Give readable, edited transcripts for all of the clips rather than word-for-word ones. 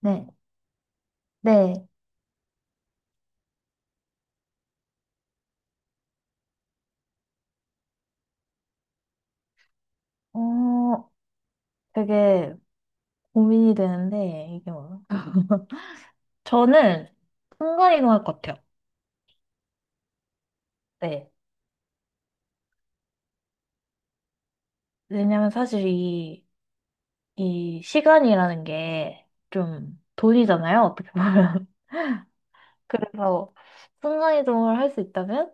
네, 네, 어, 되게 고민이 되는데, 이게 뭐. 저는 순간이동 할 것 같아요. 네. 왜냐면 사실 이 시간이라는 게 좀 돈이잖아요, 어떻게 보면. 그래서 순간이동을 할 수 있다면,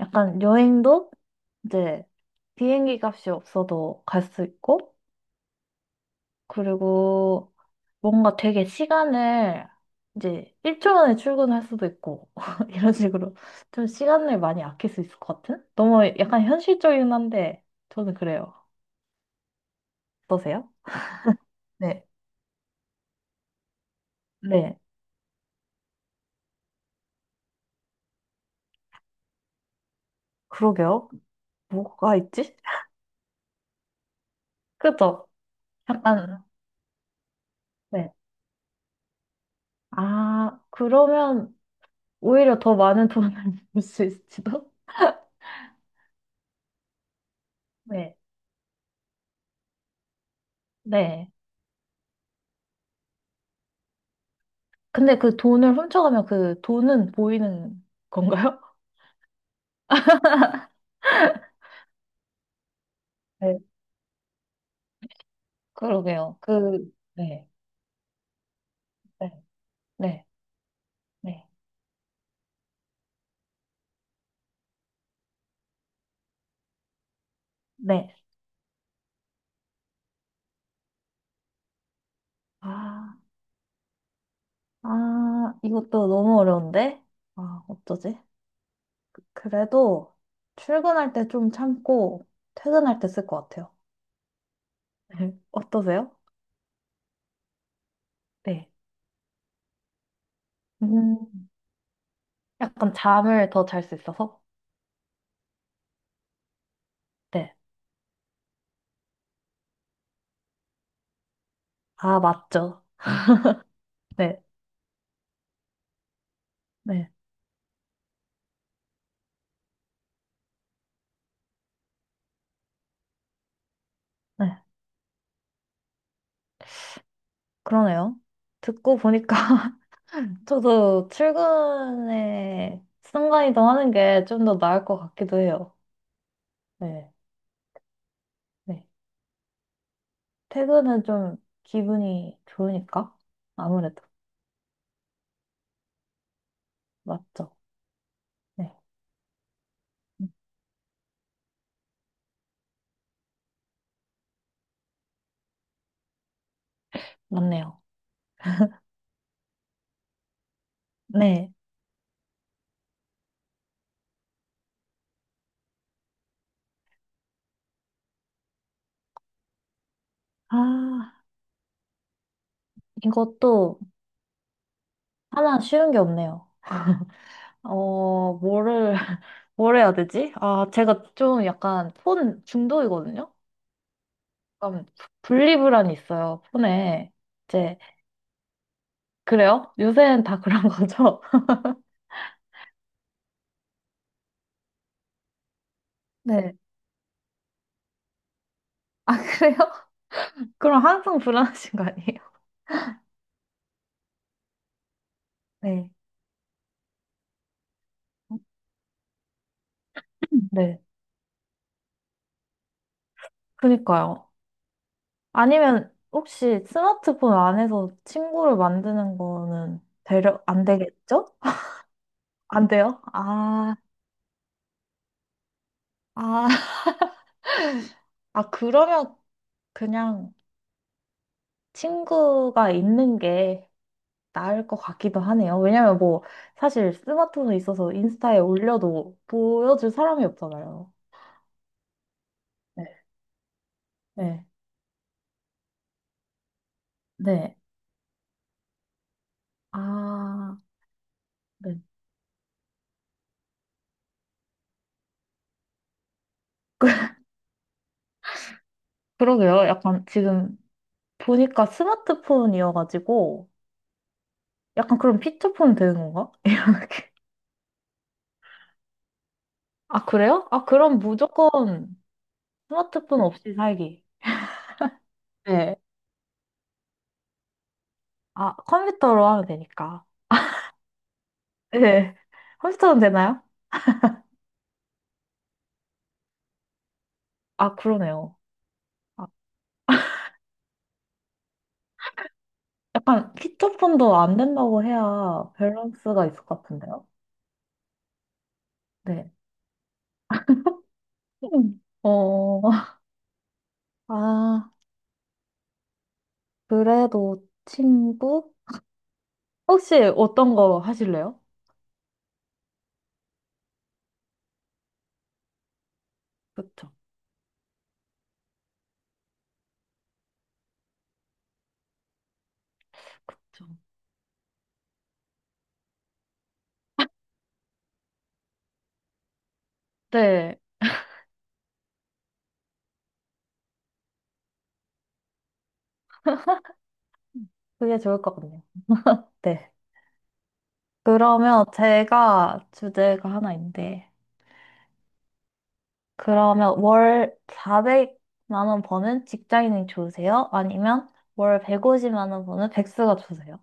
약간 여행도 이제 비행기 값이 없어도 갈 수 있고, 그리고 뭔가 되게 시간을 이제 1초 만에 출근할 수도 있고 이런 식으로 좀 시간을 많이 아낄 수 있을 것 같은? 너무 약간 현실적이긴 한데 저는 그래요. 어떠세요? 네. 네. 그러게요. 뭐가 있지? 그죠? 약간 네. 아, 그러면 오히려 더 많은 돈을 벌 수 있을지도? 네. 네. 근데 그 돈을 훔쳐가면 그 돈은 보이는 건가요? 그러게요. 그, 네, 네, 네, 네, 네. 아, 아, 이것도 너무 어려운데? 아, 어쩌지? 그래도 출근할 때 좀 참고 퇴근할 때 쓸 것 같아요. 네. 어떠세요? 네. 음, 약간 잠을 더 잘 수 있어서? 네. 아, 맞죠. 네, 네, 네. 그러네요. 듣고 보니까 저도 출근에 순간이동 하는 게 좀 더 나을 것 같기도 해요. 네. 네. 퇴근은 좀 기분이 좋으니까? 아무래도. 맞죠? 네. 맞네요. 네. 아, 이것도 하나 쉬운 게 없네요. 어, 뭐를, 뭘 해야 되지? 아, 제가 좀 약간 폰 중독이거든요? 약간 분리불안이 있어요, 폰에. 이제, 그래요? 요새는 다 그런 거죠? 네. 그래요? 그럼 항상 불안하신 거 아니에요? 네. 네. 그니까요. 아니면 혹시 스마트폰 안에서 친구를 만드는 거는 되려, 안 되겠죠? 안 돼요? 아, 아, 아, 그러면 그냥 친구가 있는 게 나을 것 같기도 하네요. 왜냐면 뭐, 사실 스마트폰에 있어서 인스타에 올려도 보여줄 사람이 없잖아요. 네, 네, 네. 아, 네. 그러게요. 약간 지금 보니까 스마트폰이어가지고, 약간 그럼 피처폰 되는 건가? 이렇게. 아, 그래요? 아, 그럼 무조건 스마트폰 없이 살기. 네. 아, 컴퓨터로 하면 되니까. 네. 컴퓨터는 되나요? 아, 그러네요. 아, 약간 피처폰도 안 된다고 해야 밸런스가 있을 것 같은데요? 네. 음. 어, 아, 그래도 친구? 혹시 어떤 거 하실래요? 그쵸, 그쵸. 네, 그게 좋을 것 같네요. 네. 그러면 제가 주제가 하나 있는데, 그러면 월 400만 원 버는 직장인이 좋으세요? 아니면 월 150만 원 버는 백수가 좋으세요?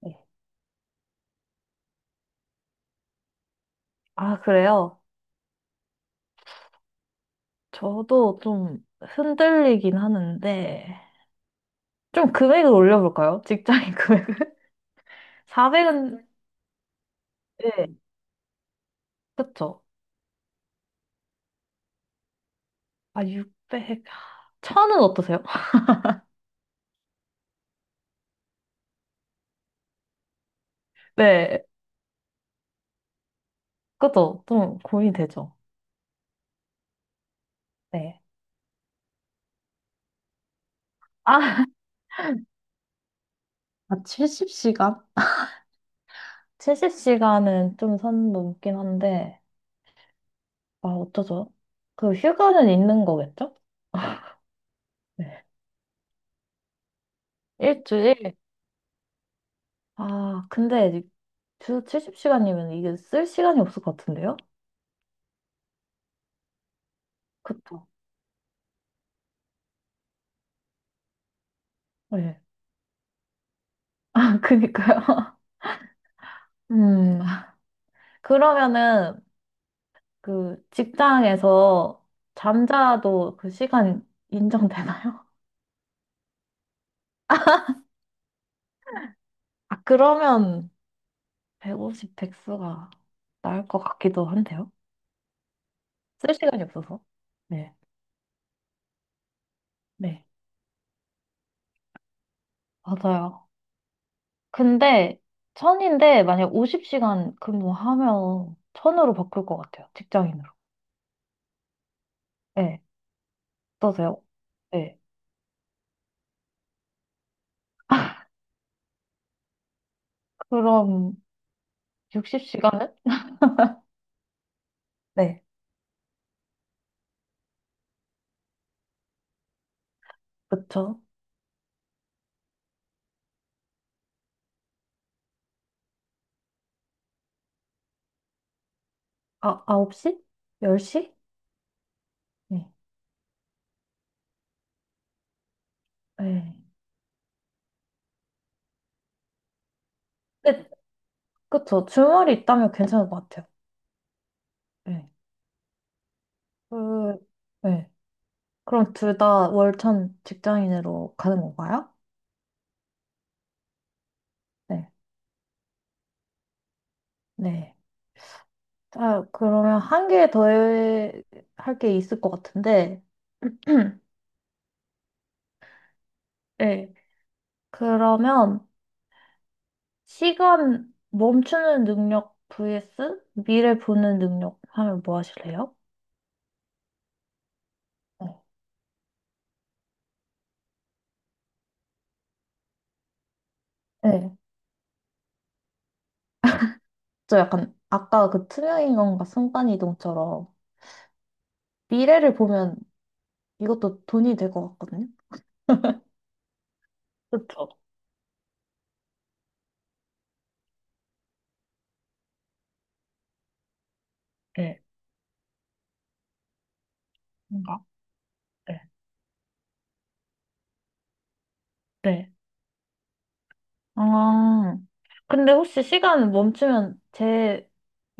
네. 아, 그래요? 저도 좀 흔들리긴 하는데, 좀 금액을 올려볼까요? 직장인 금액을? 400은, 네, 그쵸. 아, 600, 1000은 어떠세요? 네, 그쵸. 좀 고민되죠. 네. 아, 70시간? 70시간은 좀 선 넘긴 한데, 아, 어쩌죠? 그 휴가는 있는 거겠죠? 네. 일주일? 아, 근데 이제 주 70시간이면 이게 쓸 시간이 없을 것 같은데요? 그쵸. 네. 그니까요. 음, 그러면은 그 직장에서 잠자도 그 시간 인정되나요? 아, 그러면 150, 100수가 나을 것 같기도 한데요. 쓸 시간이 없어서. 네. 네. 맞아요. 근데 천인데 만약 50시간 근무하면 천으로 바꿀 것 같아요. 직장인으로. 네. 어떠세요? 네. 그럼 60시간은? 네. 그쵸. 아, 홉시 열시 네. 네. 근데 그쵸. 주말이 있다면 괜찮을 것 같아요. 네. 그, 네. 그럼 둘 다 월천 직장인으로 가는 건가요? 네. 네. 자, 그러면 한 개 더 할 게 있을 것 같은데. 네. 그러면 시간 멈추는 능력 vs 미래 보는 능력 하면 뭐 하실래요? 네. 네. 저 약간 아까 그 투명인간과 순간이동처럼 미래를 보면 이것도 돈이 될 것 같거든요. 그쵸? 네. 뭔가? 네. 네. 아, 근데 혹시 시간 멈추면 제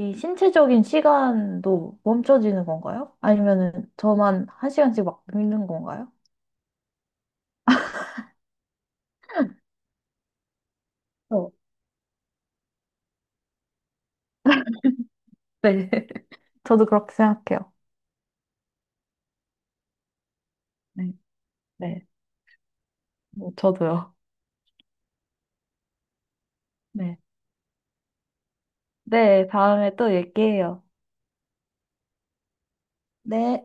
이 신체적인 시간도 멈춰지는 건가요? 아니면은 저만 한 시간씩 막 미는 건가요? 네. 저도 그렇게 생각해요. 네. 네. 뭐 저도요. 네. 네, 다음에 또 얘기해요. 네.